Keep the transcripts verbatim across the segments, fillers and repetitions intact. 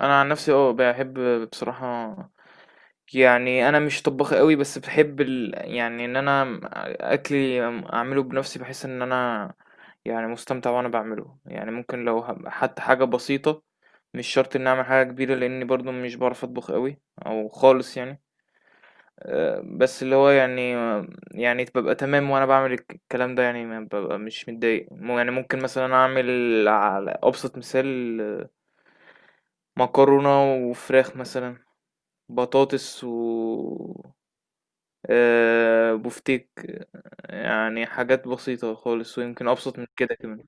انا عن نفسي اه بحب بصراحة. يعني انا مش طباخ قوي، بس بحب ال... يعني ان انا اكلي اعمله بنفسي، بحس ان انا يعني مستمتع وانا بعمله. يعني ممكن لو هب- حتى حاجة بسيطة، مش شرط اني اعمل حاجة كبيرة، لاني برضو مش بعرف اطبخ قوي او خالص يعني. أه، بس اللي هو يعني، يعني ببقى تمام وانا بعمل الك- الكلام ده، يعني ما ببقى مش متضايق مو- يعني ممكن مثلا اعمل على ابسط مثال مكرونة وفراخ مثلا، بطاطس و آه، بفتيك، يعني حاجات بسيطة خالص ويمكن أبسط من كده كمان.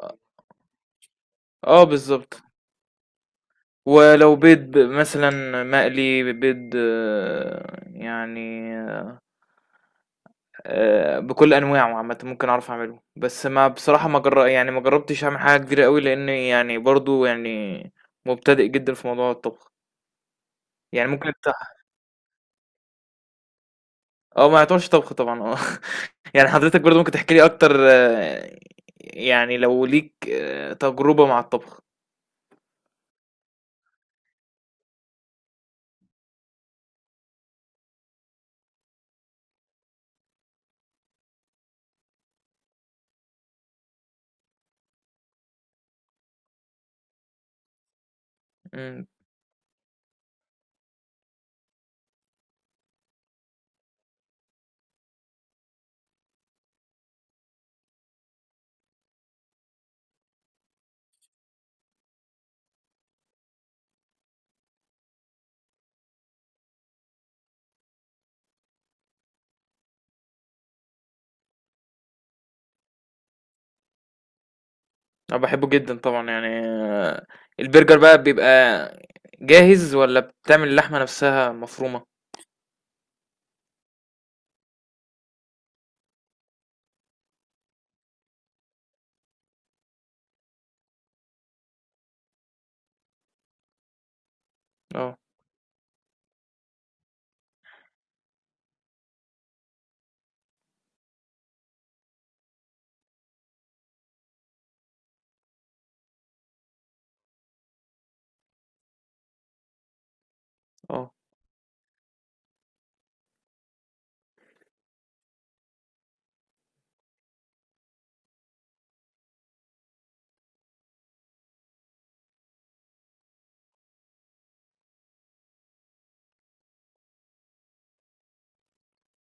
اه، آه، بالظبط. ولو بيض ب- مثلا مقلي بيض آه، يعني آه، بكل انواعه عامه ممكن اعرف اعمله، بس ما بصراحه ما جر... يعني ما جربتش اعمل حاجه كبيره قوي، لان يعني برضو يعني مبتدئ جدا في موضوع الطبخ. يعني ممكن. آه، ما يعتبرش طبخ طبعًا، آه. يعني حضرتك برضه ممكن تحكي لي أكتر آه، يعني لو ليك آه، تجربة مع الطبخ؟ إمم. أنا باحبه جدًا طبعًا يعني آه، البرجر بقى بيبقى جاهز والّا بتعمل اللحمة نفسها مفرومة؟ آه، آه،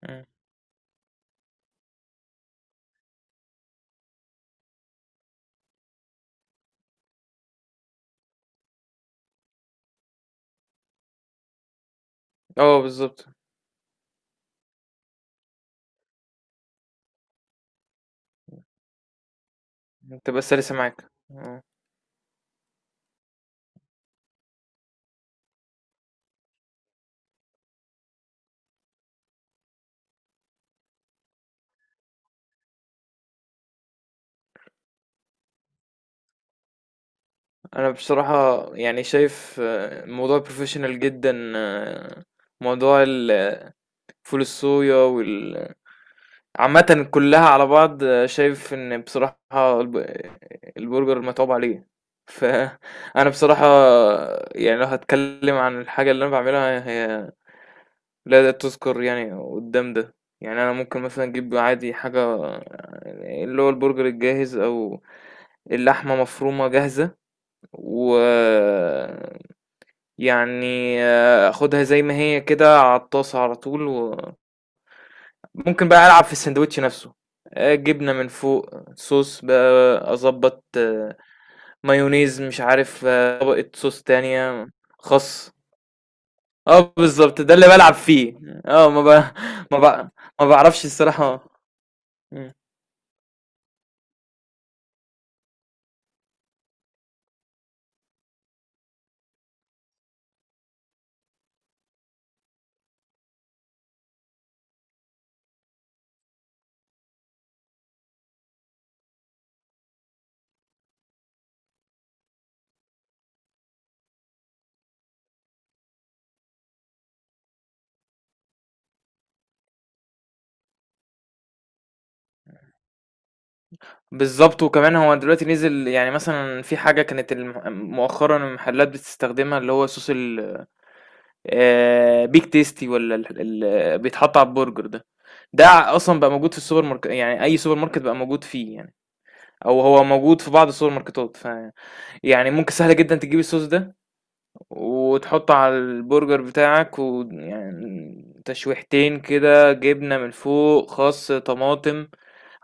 إمم. آه، بالضبط. بتبقى سلسة معاك، آه. أنا بصراحة يعني شايف آه، الموضوع professional جدًا آه، موضوع ال فول الصويا وال عامةً كلّها على بعض آه، شايف إن بصراحة الب البرجر متعوب عليه، فأنا بصراحة يعني لو هاتكلّم عن الحاجة اللي أنا باعملها، هي لا لا تُذكر يعني قدّام ده. يعني أنا ممكن مثلًا أجيب عادي حاجة، اللي هو البرجر الجاهز أو اللحمة مفرومة جاهزة، ويعني آخُدها زي ما هي كده على الطاسة على طول و ممكن بقى ألعب في الساندوتش نفسه، آآ، جبنة من فوق، صوص بقى أضبّط، مايونيز، مش عارف آه، طبقة صوص تانية، خس. آه، بالضبط، ده اللي بالعب فيه. آه ما ب ما ب ما باعرفش الصراحة. إمم. بالضبط، وكمان هو دلوقتي نزل يعني مثلًا في حاجة كانت الم مؤخرًا المحلات بتستخدمها، اللي هو صوص ال آآ، big tasty والّا ال ال بيتحط على البرجر ده، ده أصلًا بقى موجود في السوبر مارك، يعني أي سوبر ماركت بقى موجود فيه يعني. او هو موجود في بعض السوبر ماركتات، ف يعني ممكن سهل جدا تجيب الصوص ده وتحطه على البرجر بتاعك، ويعني تشويحتين كده، جبنة من فوق، خس، طماطم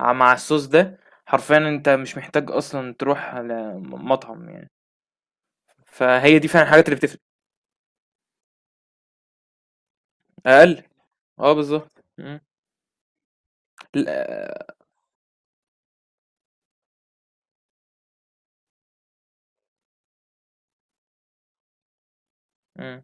ع- مع الصوص ده، حرفيا انت مش محتاج اصلا تروح على م- مطعم يعني. فهي دي فعلا الحاجات اللي بتفرق. اقل. اه، بالظبط، مم. لا، مم.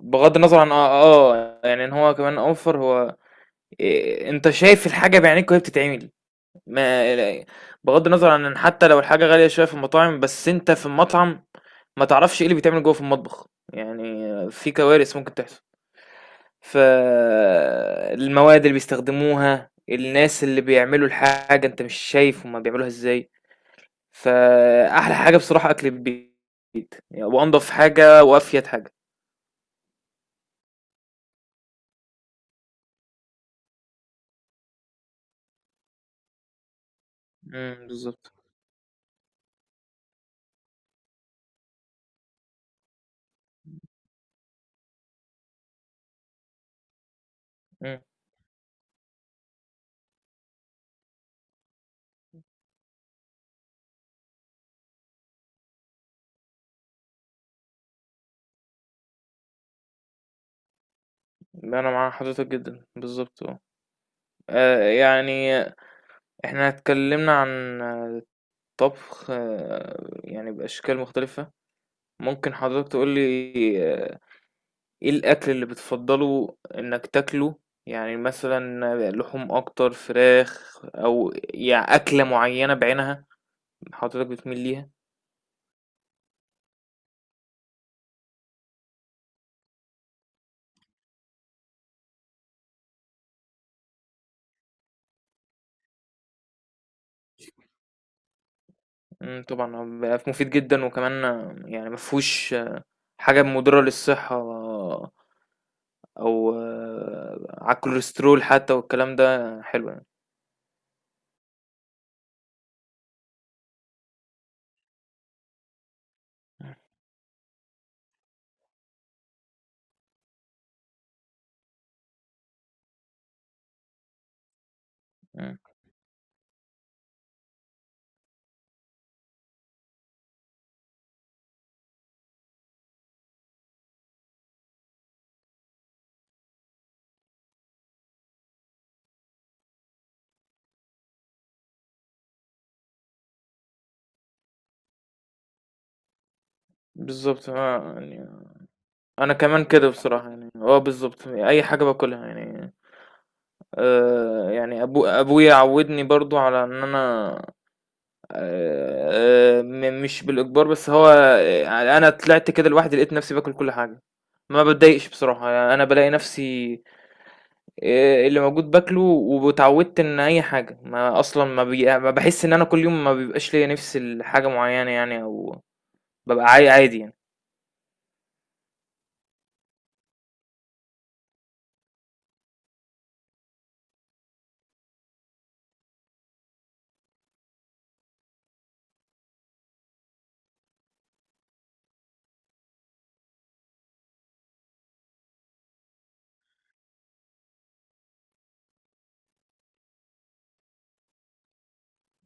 بغض النظر عن اه، آه يعني ان هو كمان اوفر، هو إيه، انت شايف الحاجة بعينيك وهي بتتعمل. ما لا- بغض النظر عن ان حتى لو الحاجة غالية شوية في المطاعم، بس انت في المطعم ما تعرفش ايه اللي بيتعمل جوه في المطبخ، يعني في كوارث ممكن تحصل. فالمواد اللي بيستخدموها، الناس اللي بيعملوا الحاجة انت مش شايف هما بيعملوها ازاي. فأحلى حاجة بصراحة أكل البيت، يعني وأنضف حاجة وأفيد حاجة. امم، بالظبط. امم. أنا مع حضرتك جدا، بالظبط اه. آه، يعني احنا اتكلمنا عن طبخ آه، يعني بأشكال مختلفة، ممكن حضرتك تقول لي آه، إيه الأكل اللي بتفضّله إنك تاكله؟ يعني مثلًا لحوم أكتر، فراخ، أو يع أكلة معيّنة بعينها حضرتك بتميل ليها؟ إمم، طبعًا هو بيبقى مفيد جدًا، وكمان آه، يعني ما فيهوش حاجة مضرة للصحة آه، أو آه، على الكوليسترول حتى، والكلام ده حلو يعني. إمم. إمم، بالضبط آه. يعني أنا كمان كده بصراحة يعني، آه بالضبط، أي حاجة باكلها يعني. آآ يعني أبو أبويا عوّدني برضه على إن أنا آآ م مش بالإجبار، بس هو آآ أنا طلعت كده لوحدي، لقيت نفسي باكل كل حاجة، ما باتضايقش بصراحة. يعني أنا بالاقي نفسي آآ اللي موجود باكله، واتعودت إن أي حاجة، ما أصلًا ما بي ما باحس إن أنا كل يوم ما بيبقاش ليّا نِفْس لحاجة معيّنة يعني، أو بابقى عا عادي يعني.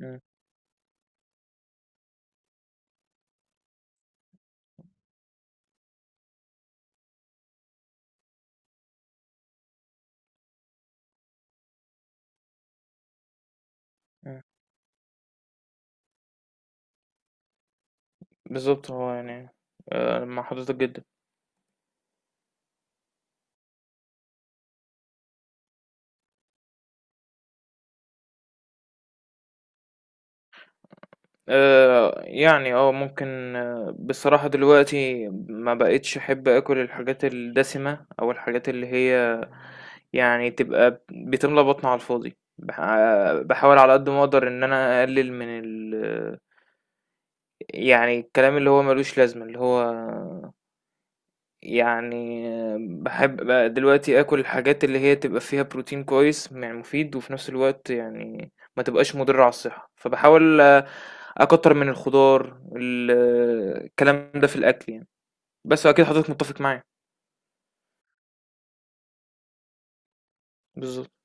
إمم. إمم، بالضبط، هو يعني آآ مع حضرتك جدًا. آآ، يعني آه، ممكن آه، بصراحة دلوقتي ما بقيتش أحب آكل الحاجات الدسمة، أو الحاجات اللي هي يعني تبقى بتملى بطني على الفاضي. باح باحاول على قد ما أقدر إن أنا أقلل من ال يعني الكلام اللي هو ما لوش لازمة، اللي هو يعني باحب بقى دلوقتي آكل الحاجات اللي هي تبقى فيها بروتين كويس، يعني مفيد، وفي نفس الوقت يعني ما تبقاش مضرة على الصحة. فباحاول أكتر من الخضار ال- الكلام ده في الأكل يعني، بس أكيد حضرتك متفق معايا. بالظبط.